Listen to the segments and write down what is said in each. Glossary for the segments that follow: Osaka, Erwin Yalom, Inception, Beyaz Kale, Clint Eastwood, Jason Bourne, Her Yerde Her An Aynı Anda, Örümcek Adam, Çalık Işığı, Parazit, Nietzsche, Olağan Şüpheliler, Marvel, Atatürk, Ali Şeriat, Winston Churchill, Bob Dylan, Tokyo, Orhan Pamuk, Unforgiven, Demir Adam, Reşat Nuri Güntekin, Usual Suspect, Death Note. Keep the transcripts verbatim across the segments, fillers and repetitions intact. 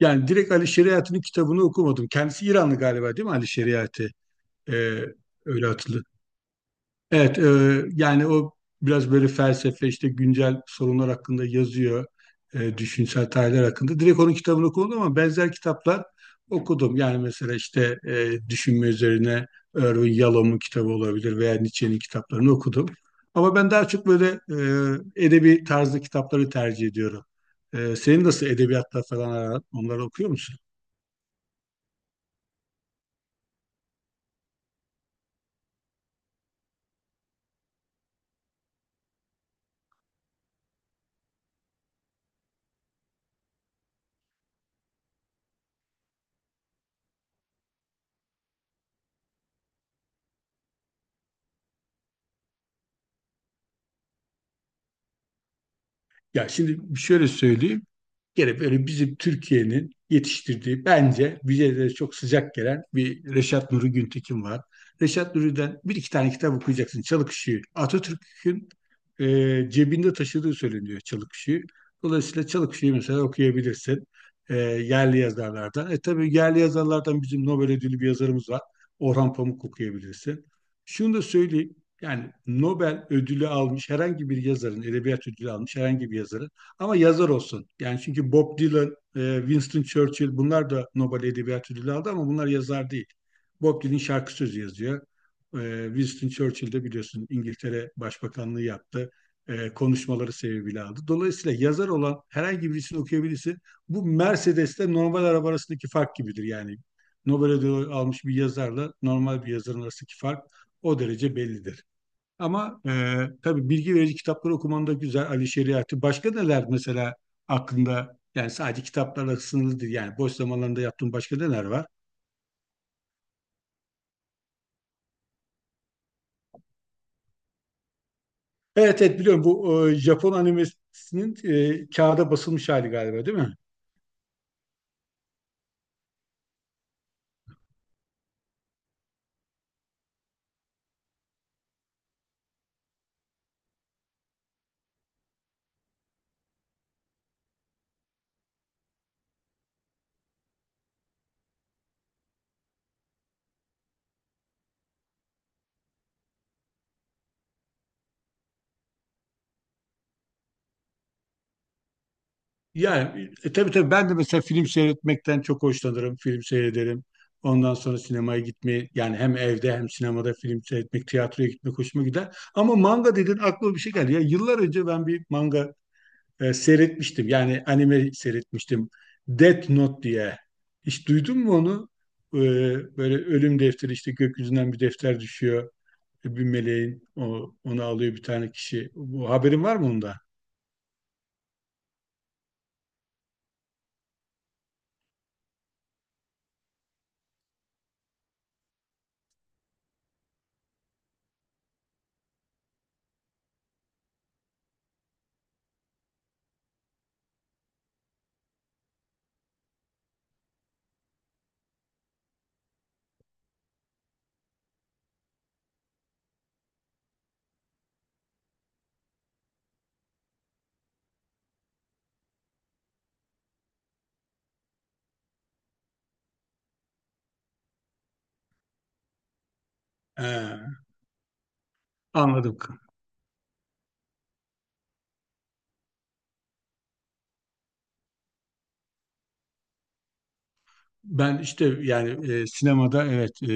Yani direkt Ali Şeriat'ın kitabını okumadım. Kendisi İranlı galiba değil mi Ali Şeriat'ı? Ee, öyle hatırlı. Evet, e, yani o biraz böyle felsefe işte güncel sorunlar hakkında yazıyor. E, düşünsel tarihler hakkında. Direkt onun kitabını okudum ama benzer kitaplar okudum. Yani mesela işte e, düşünme üzerine Erwin Yalom'un kitabı olabilir veya Nietzsche'nin kitaplarını okudum. Ama ben daha çok böyle e, edebi tarzı kitapları tercih ediyorum. E, senin nasıl edebiyatla falan aran? Onları okuyor musun? Ya şimdi şöyle söyleyeyim. Gene böyle bizim Türkiye'nin yetiştirdiği bence bize de çok sıcak gelen bir Reşat Nuri Güntekin var. Reşat Nuri'den bir iki tane kitap okuyacaksın. Çalık Işığı. Atatürk'ün e, cebinde taşıdığı söyleniyor Çalık Işığı. Dolayısıyla Çalık Işığı mesela okuyabilirsin. E, yerli yazarlardan. E tabii yerli yazarlardan bizim Nobel ödüllü bir yazarımız var. Orhan Pamuk okuyabilirsin. Şunu da söyleyeyim. Yani Nobel ödülü almış herhangi bir yazarın, edebiyat ödülü almış herhangi bir yazarın ama yazar olsun. Yani çünkü Bob Dylan, e, Winston Churchill bunlar da Nobel Edebiyat Ödülü aldı ama bunlar yazar değil. Bob Dylan şarkı sözü yazıyor. E, Winston Churchill de biliyorsun İngiltere Başbakanlığı yaptı. E, konuşmaları sebebiyle aldı. Dolayısıyla yazar olan herhangi birisini okuyabilirsin. Bu Mercedes'te normal araba arasındaki fark gibidir yani. Nobel ödülü almış bir yazarla normal bir yazarın arasındaki fark o derece bellidir. Ama e, tabii bilgi verici kitapları okuman da güzel. Ali Şeriatı. Başka neler mesela aklında? Yani sadece kitaplarla sınırlı değil. Yani boş zamanlarında yaptığın başka neler var? Evet evet biliyorum, bu e, Japon animesinin e, kağıda basılmış hali galiba değil mi? Yani e, tabii tabii ben de mesela film seyretmekten çok hoşlanırım. Film seyrederim. Ondan sonra sinemaya gitmeyi, yani hem evde hem sinemada film seyretmek, tiyatroya gitmek hoşuma gider. Ama manga dedin aklıma bir şey geldi. Ya yıllar önce ben bir manga e, seyretmiştim. Yani anime seyretmiştim. Death Note diye. Hiç duydun mu onu? E, Böyle ölüm defteri işte gökyüzünden bir defter düşüyor. E, Bir meleğin o, onu alıyor bir tane kişi. Bu haberin var mı onda? He, anladım. Ben işte yani e, sinemada, evet, e,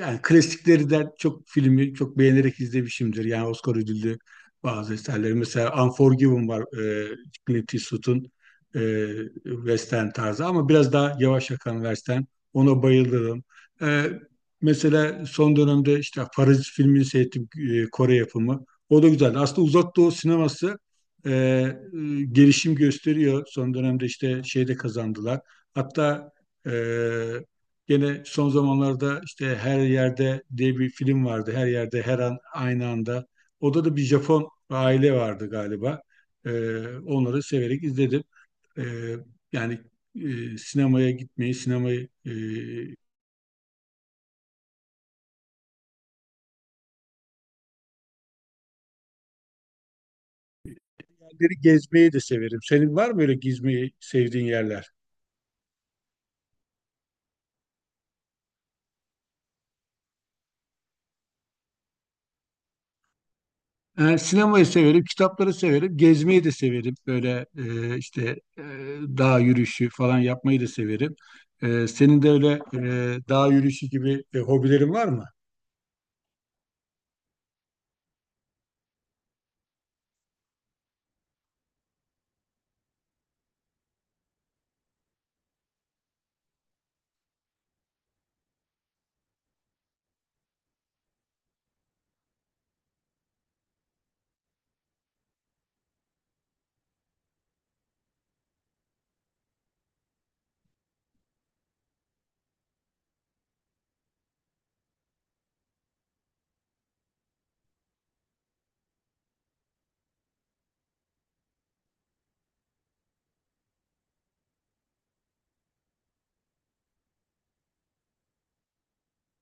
yani klasiklerden çok filmi çok beğenerek izlemişimdir. Yani Oscar ödüllü bazı eserleri. Mesela Unforgiven var e, Clint Eastwood'un e, Western tarzı ama biraz daha yavaş akan Western. Ona bayılırım. E, Mesela son dönemde işte Parazit filmini seyrettim, e, Kore yapımı. O da güzeldi. Aslında Uzak Doğu sineması e, e, gelişim gösteriyor. Son dönemde işte şeyde kazandılar. Hatta ee, gene son zamanlarda işte Her Yerde diye bir film vardı. Her Yerde Her An Aynı Anda. Orada da bir Japon aile vardı galiba. Ee, Onları severek izledim. Ee, Yani e, sinemaya gitmeyi, sinemayı, e, yerleri gezmeyi de severim. Senin var mı böyle gezmeyi sevdiğin yerler? E, sinemayı severim, kitapları severim, gezmeyi de severim. Böyle e, işte e, dağ yürüyüşü falan yapmayı da severim. E, senin de öyle e, dağ yürüyüşü gibi e, hobilerin var mı?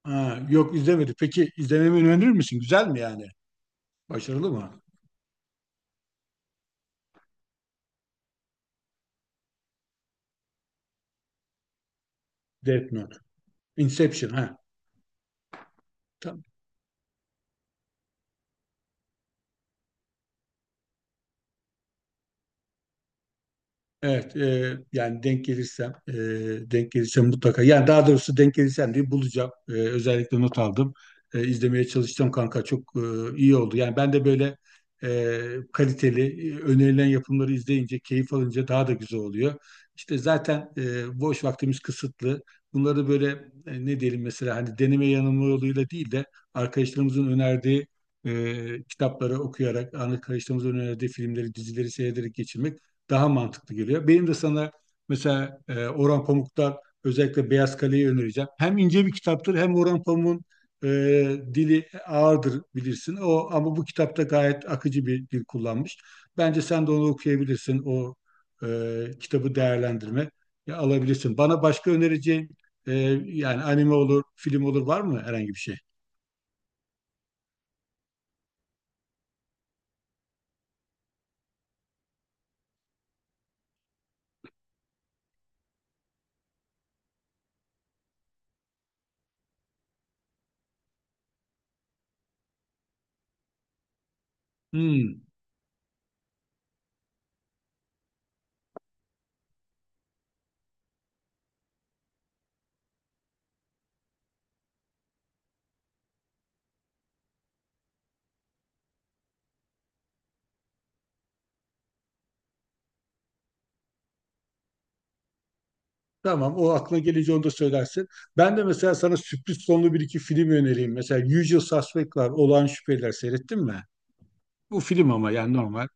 Ha, yok izlemedim. Peki izlememi önerir misin? Güzel mi yani? Başarılı mı? Death Note. Inception ha. Tamam. Evet, e, yani denk gelirsem, e, denk gelirsem mutlaka. Yani daha doğrusu denk gelirsem diye bulacağım. E, özellikle not aldım. E, izlemeye çalışacağım kanka. Çok e, iyi oldu. Yani ben de böyle e, kaliteli, e, önerilen yapımları izleyince, keyif alınca daha da güzel oluyor. İşte zaten e, boş vaktimiz kısıtlı. Bunları böyle, e, ne diyelim, mesela hani deneme yanılma yoluyla değil de arkadaşlarımızın önerdiği e, kitapları okuyarak, arkadaşlarımızın önerdiği filmleri, dizileri seyrederek geçirmek daha mantıklı geliyor. Benim de sana mesela e, Orhan Pamuk'tan özellikle Beyaz Kale'yi önereceğim. Hem ince bir kitaptır, hem Orhan Pamuk'un e, dili ağırdır bilirsin. O ama bu kitapta gayet akıcı bir dil kullanmış. Bence sen de onu okuyabilirsin. O e, kitabı değerlendirme, ya, alabilirsin. Bana başka önereceğin e, yani anime olur, film olur, var mı herhangi bir şey? Hmm. Tamam, o aklına gelince onu da söylersin. Ben de mesela sana sürpriz sonlu bir iki film önereyim. Mesela Usual Suspect var. Olağan Şüpheliler seyrettin mi? Bu film ama yani normal.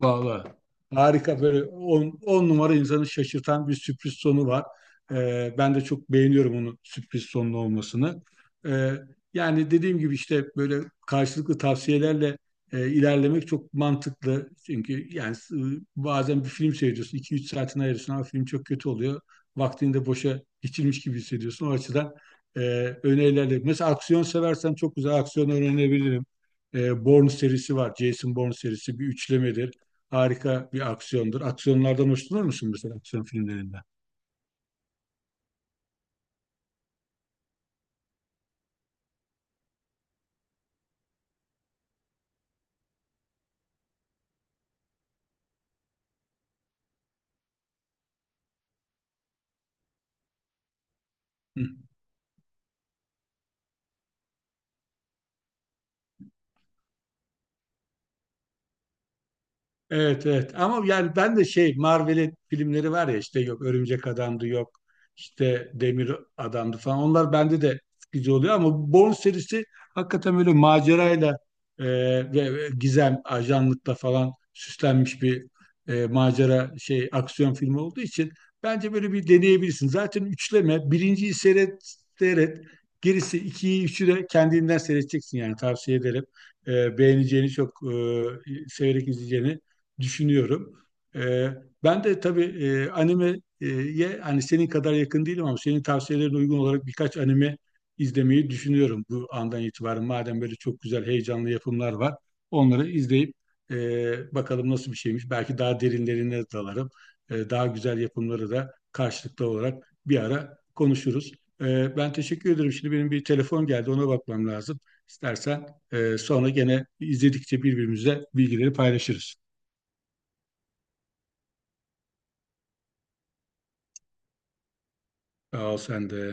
Vallahi harika, böyle on on numara insanı şaşırtan bir sürpriz sonu var. Ee, ben de çok beğeniyorum onun sürpriz sonlu olmasını. Ee, Yani dediğim gibi işte böyle karşılıklı tavsiyelerle e, ilerlemek çok mantıklı. Çünkü yani s- ıı, bazen bir film seyrediyorsun, iki üç saatini ayırıyorsun ama film çok kötü oluyor. Vaktini de boşa geçirmiş gibi hissediyorsun. O açıdan e, önerilerle. Mesela aksiyon seversen çok güzel aksiyon önerebilirim. E, Bourne serisi var. Jason Bourne serisi bir üçlemedir, harika bir aksiyondur. Aksiyonlardan hoşlanır mısın, mesela aksiyon filmlerinden? Hı. Evet evet, ama yani ben de şey Marvel'in filmleri var ya, işte yok Örümcek Adam'dı, yok işte Demir Adam'dı falan, onlar bende de sıkıcı oluyor ama Bourne serisi hakikaten böyle macerayla e, ve ve gizem ajanlıkla falan süslenmiş bir e, macera şey aksiyon filmi olduğu için bence böyle bir deneyebilirsin. Zaten üçleme, birinciyi seyret seyret gerisi, ikiyi üçü de kendinden seyredeceksin, yani tavsiye ederim. E, beğeneceğini, çok e, severek izleyeceğini düşünüyorum. E, Ben de tabii e, animeye hani senin kadar yakın değilim ama senin tavsiyelerine uygun olarak birkaç anime izlemeyi düşünüyorum bu andan itibaren. Madem böyle çok güzel, heyecanlı yapımlar var, onları izleyip e, bakalım nasıl bir şeymiş. Belki daha derinlerine dalarım. E, daha güzel yapımları da karşılıklı olarak bir ara konuşuruz. E, ben teşekkür ederim. Şimdi benim bir telefon geldi, ona bakmam lazım. İstersen e, sonra gene izledikçe birbirimize bilgileri paylaşırız. Sağ ol, sen de.